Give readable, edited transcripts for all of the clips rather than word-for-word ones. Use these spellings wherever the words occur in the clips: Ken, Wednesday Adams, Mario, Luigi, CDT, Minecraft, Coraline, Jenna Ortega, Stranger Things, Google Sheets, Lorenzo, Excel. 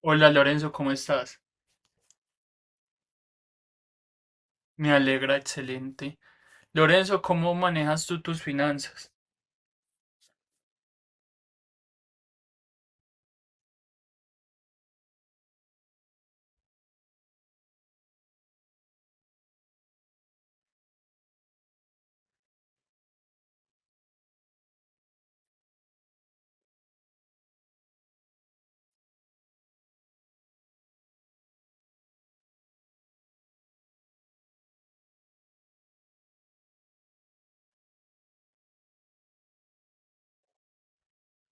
Hola Lorenzo, ¿cómo estás? Me alegra, excelente. Lorenzo, ¿cómo manejas tú tus finanzas?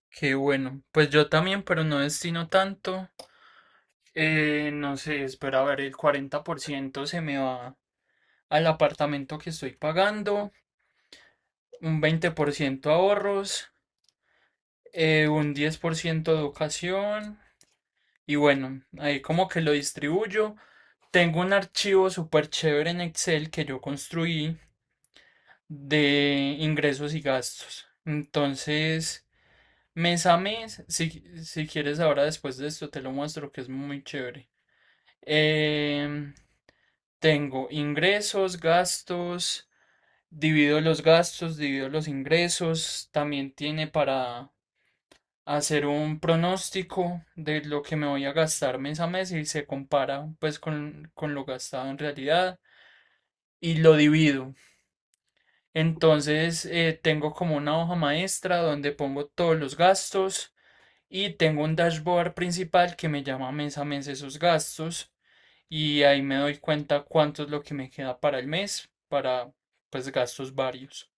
Qué bueno. Pues yo también, pero no destino tanto. No sé, espera a ver, el 40% se me va al apartamento que estoy pagando, un 20% ahorros, un 10% educación y bueno, ahí como que lo distribuyo. Tengo un archivo súper chévere en Excel que yo construí de ingresos y gastos. Entonces, mes a mes, si quieres ahora después de esto te lo muestro que es muy chévere. Em, tengo ingresos, gastos, divido los ingresos, también tiene para hacer un pronóstico de lo que me voy a gastar mes a mes y se compara pues con lo gastado en realidad y lo divido. Entonces, tengo como una hoja maestra donde pongo todos los gastos y tengo un dashboard principal que me llama mes a mes esos gastos y ahí me doy cuenta cuánto es lo que me queda para el mes, para pues gastos varios.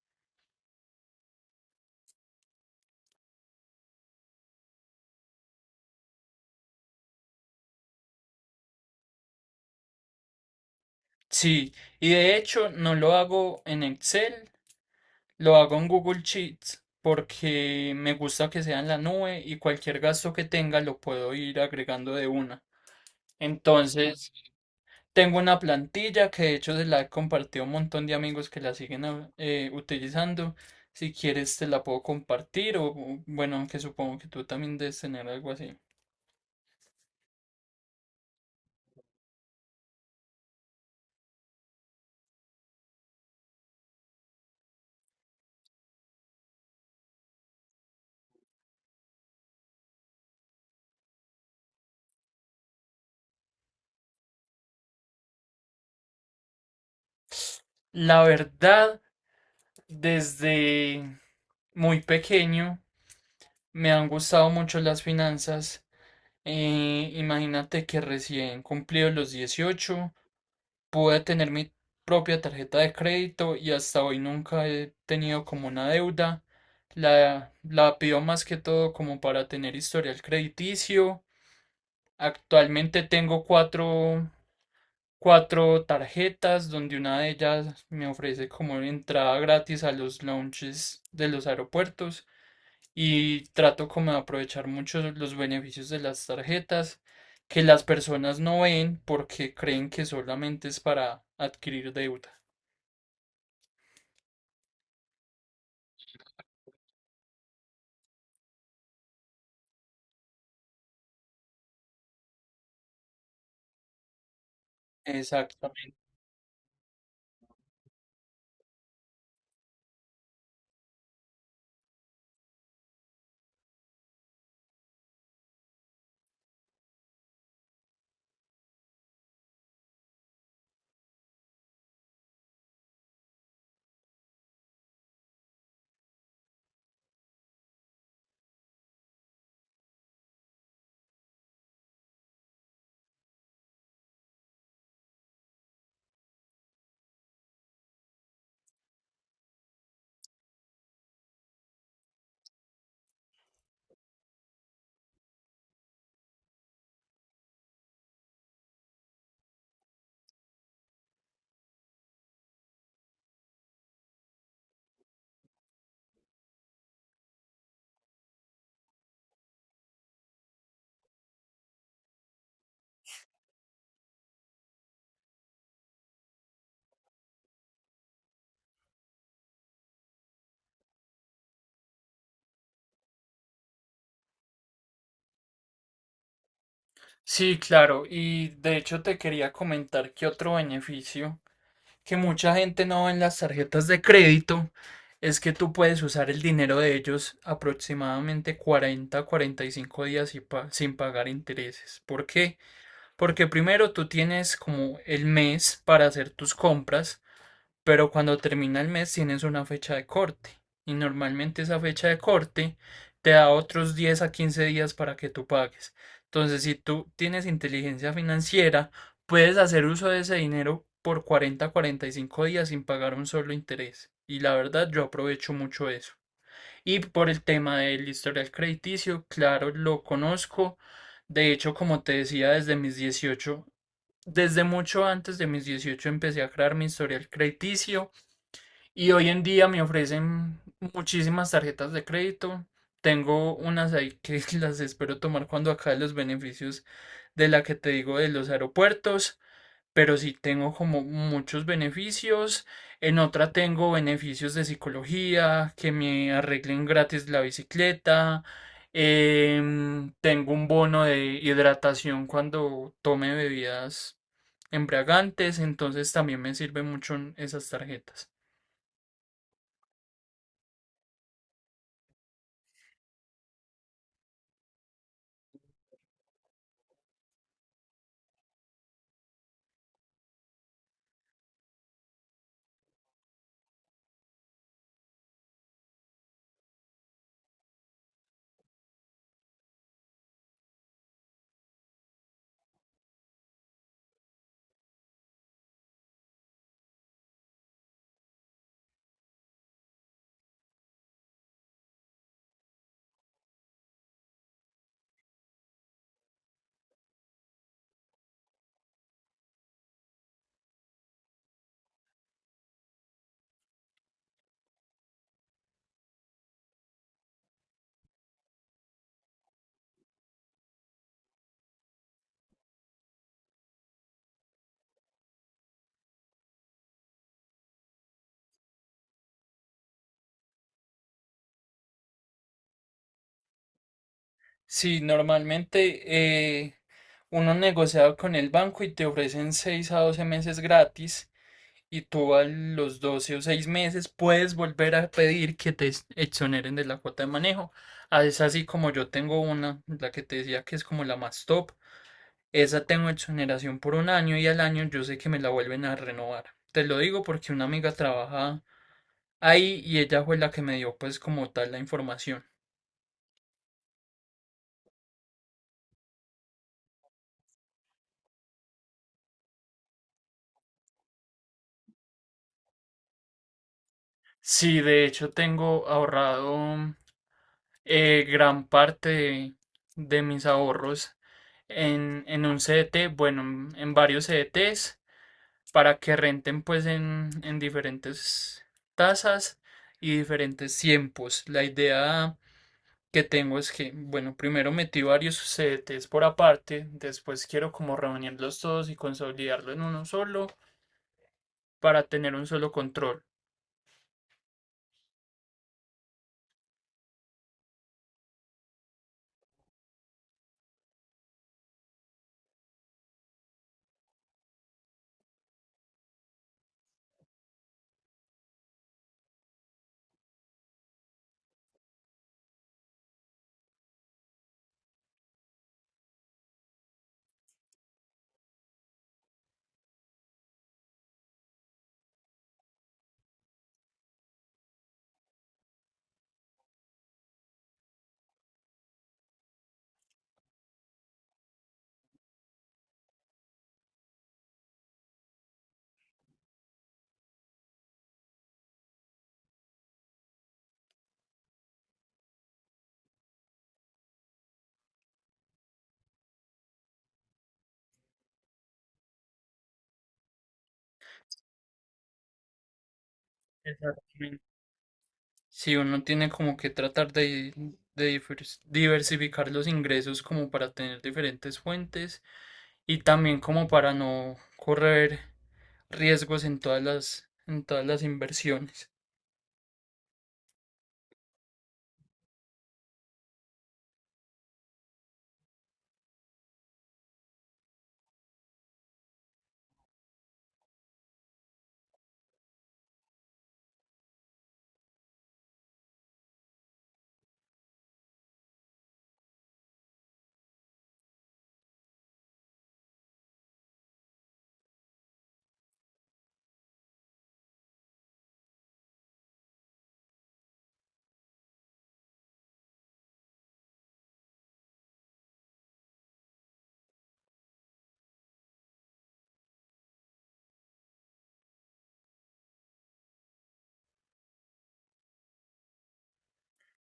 Sí, y de hecho no lo hago en Excel, lo hago en Google Sheets porque me gusta que sea en la nube y cualquier gasto que tenga lo puedo ir agregando de una. Entonces, tengo una plantilla que de hecho se la he compartido a un montón de amigos que la siguen utilizando. Si quieres te la puedo compartir o, bueno, aunque supongo que tú también debes tener algo así. La verdad, desde muy pequeño me han gustado mucho las finanzas. Imagínate que recién cumplido los 18 pude tener mi propia tarjeta de crédito y hasta hoy nunca he tenido como una deuda. La pido más que todo como para tener historial crediticio. Actualmente tengo cuatro tarjetas donde una de ellas me ofrece como entrada gratis a los lounges de los aeropuertos y trato como de aprovechar mucho los beneficios de las tarjetas que las personas no ven porque creen que solamente es para adquirir deuda. Exactamente. Sí, claro. Y de hecho te quería comentar que otro beneficio que mucha gente no ve en las tarjetas de crédito es que tú puedes usar el dinero de ellos aproximadamente 40 a 45 días y sin pagar intereses. ¿Por qué? Porque primero tú tienes como el mes para hacer tus compras. Pero cuando termina el mes tienes una fecha de corte y normalmente esa fecha de corte te da otros 10 a 15 días para que tú pagues. Entonces, si tú tienes inteligencia financiera, puedes hacer uso de ese dinero por 40 a 45 días sin pagar un solo interés. Y la verdad, yo aprovecho mucho eso. Y por el tema del historial crediticio, claro, lo conozco. De hecho, como te decía, desde mis 18, desde mucho antes de mis 18 empecé a crear mi historial crediticio. Y hoy en día me ofrecen muchísimas tarjetas de crédito. Tengo unas ahí que las espero tomar cuando acabe los beneficios de la que te digo de los aeropuertos, pero sí tengo como muchos beneficios. En otra tengo beneficios de psicología, que me arreglen gratis la bicicleta. Tengo un bono de hidratación cuando tome bebidas embriagantes, entonces también me sirven mucho esas tarjetas. Sí, normalmente eh, uno negocia con el banco y te ofrecen 6 a 12 meses gratis y tú a los 12 o 6 meses puedes volver a pedir que te exoneren de la cuota de manejo. Ah, es así como yo tengo una, la que te decía que es como la más top. Esa tengo exoneración por un año y al año yo sé que me la vuelven a renovar. Te lo digo porque una amiga trabaja ahí y ella fue la que me dio pues como tal la información. Sí, de hecho tengo ahorrado. Gran parte de mis ahorros en un CDT, bueno, en varios CDTs, para que renten pues en diferentes tasas y diferentes tiempos. La idea que tengo es que, bueno, primero metí varios CDTs por aparte, después quiero como reunirlos todos y consolidarlo en uno solo para tener un solo control. Exacto. Si uno tiene como que tratar de diversificar los ingresos como para tener diferentes fuentes y también como para no correr riesgos en todas en todas las inversiones.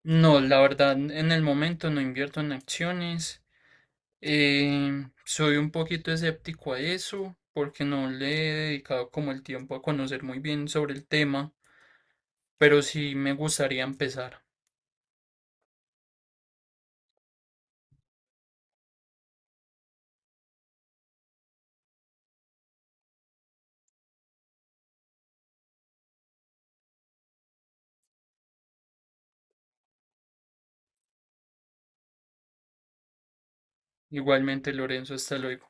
No, la verdad, en el momento no invierto en acciones. Soy un poquito escéptico a eso porque no le he dedicado como el tiempo a conocer muy bien sobre el tema, pero sí me gustaría empezar. Igualmente, Lorenzo, hasta luego.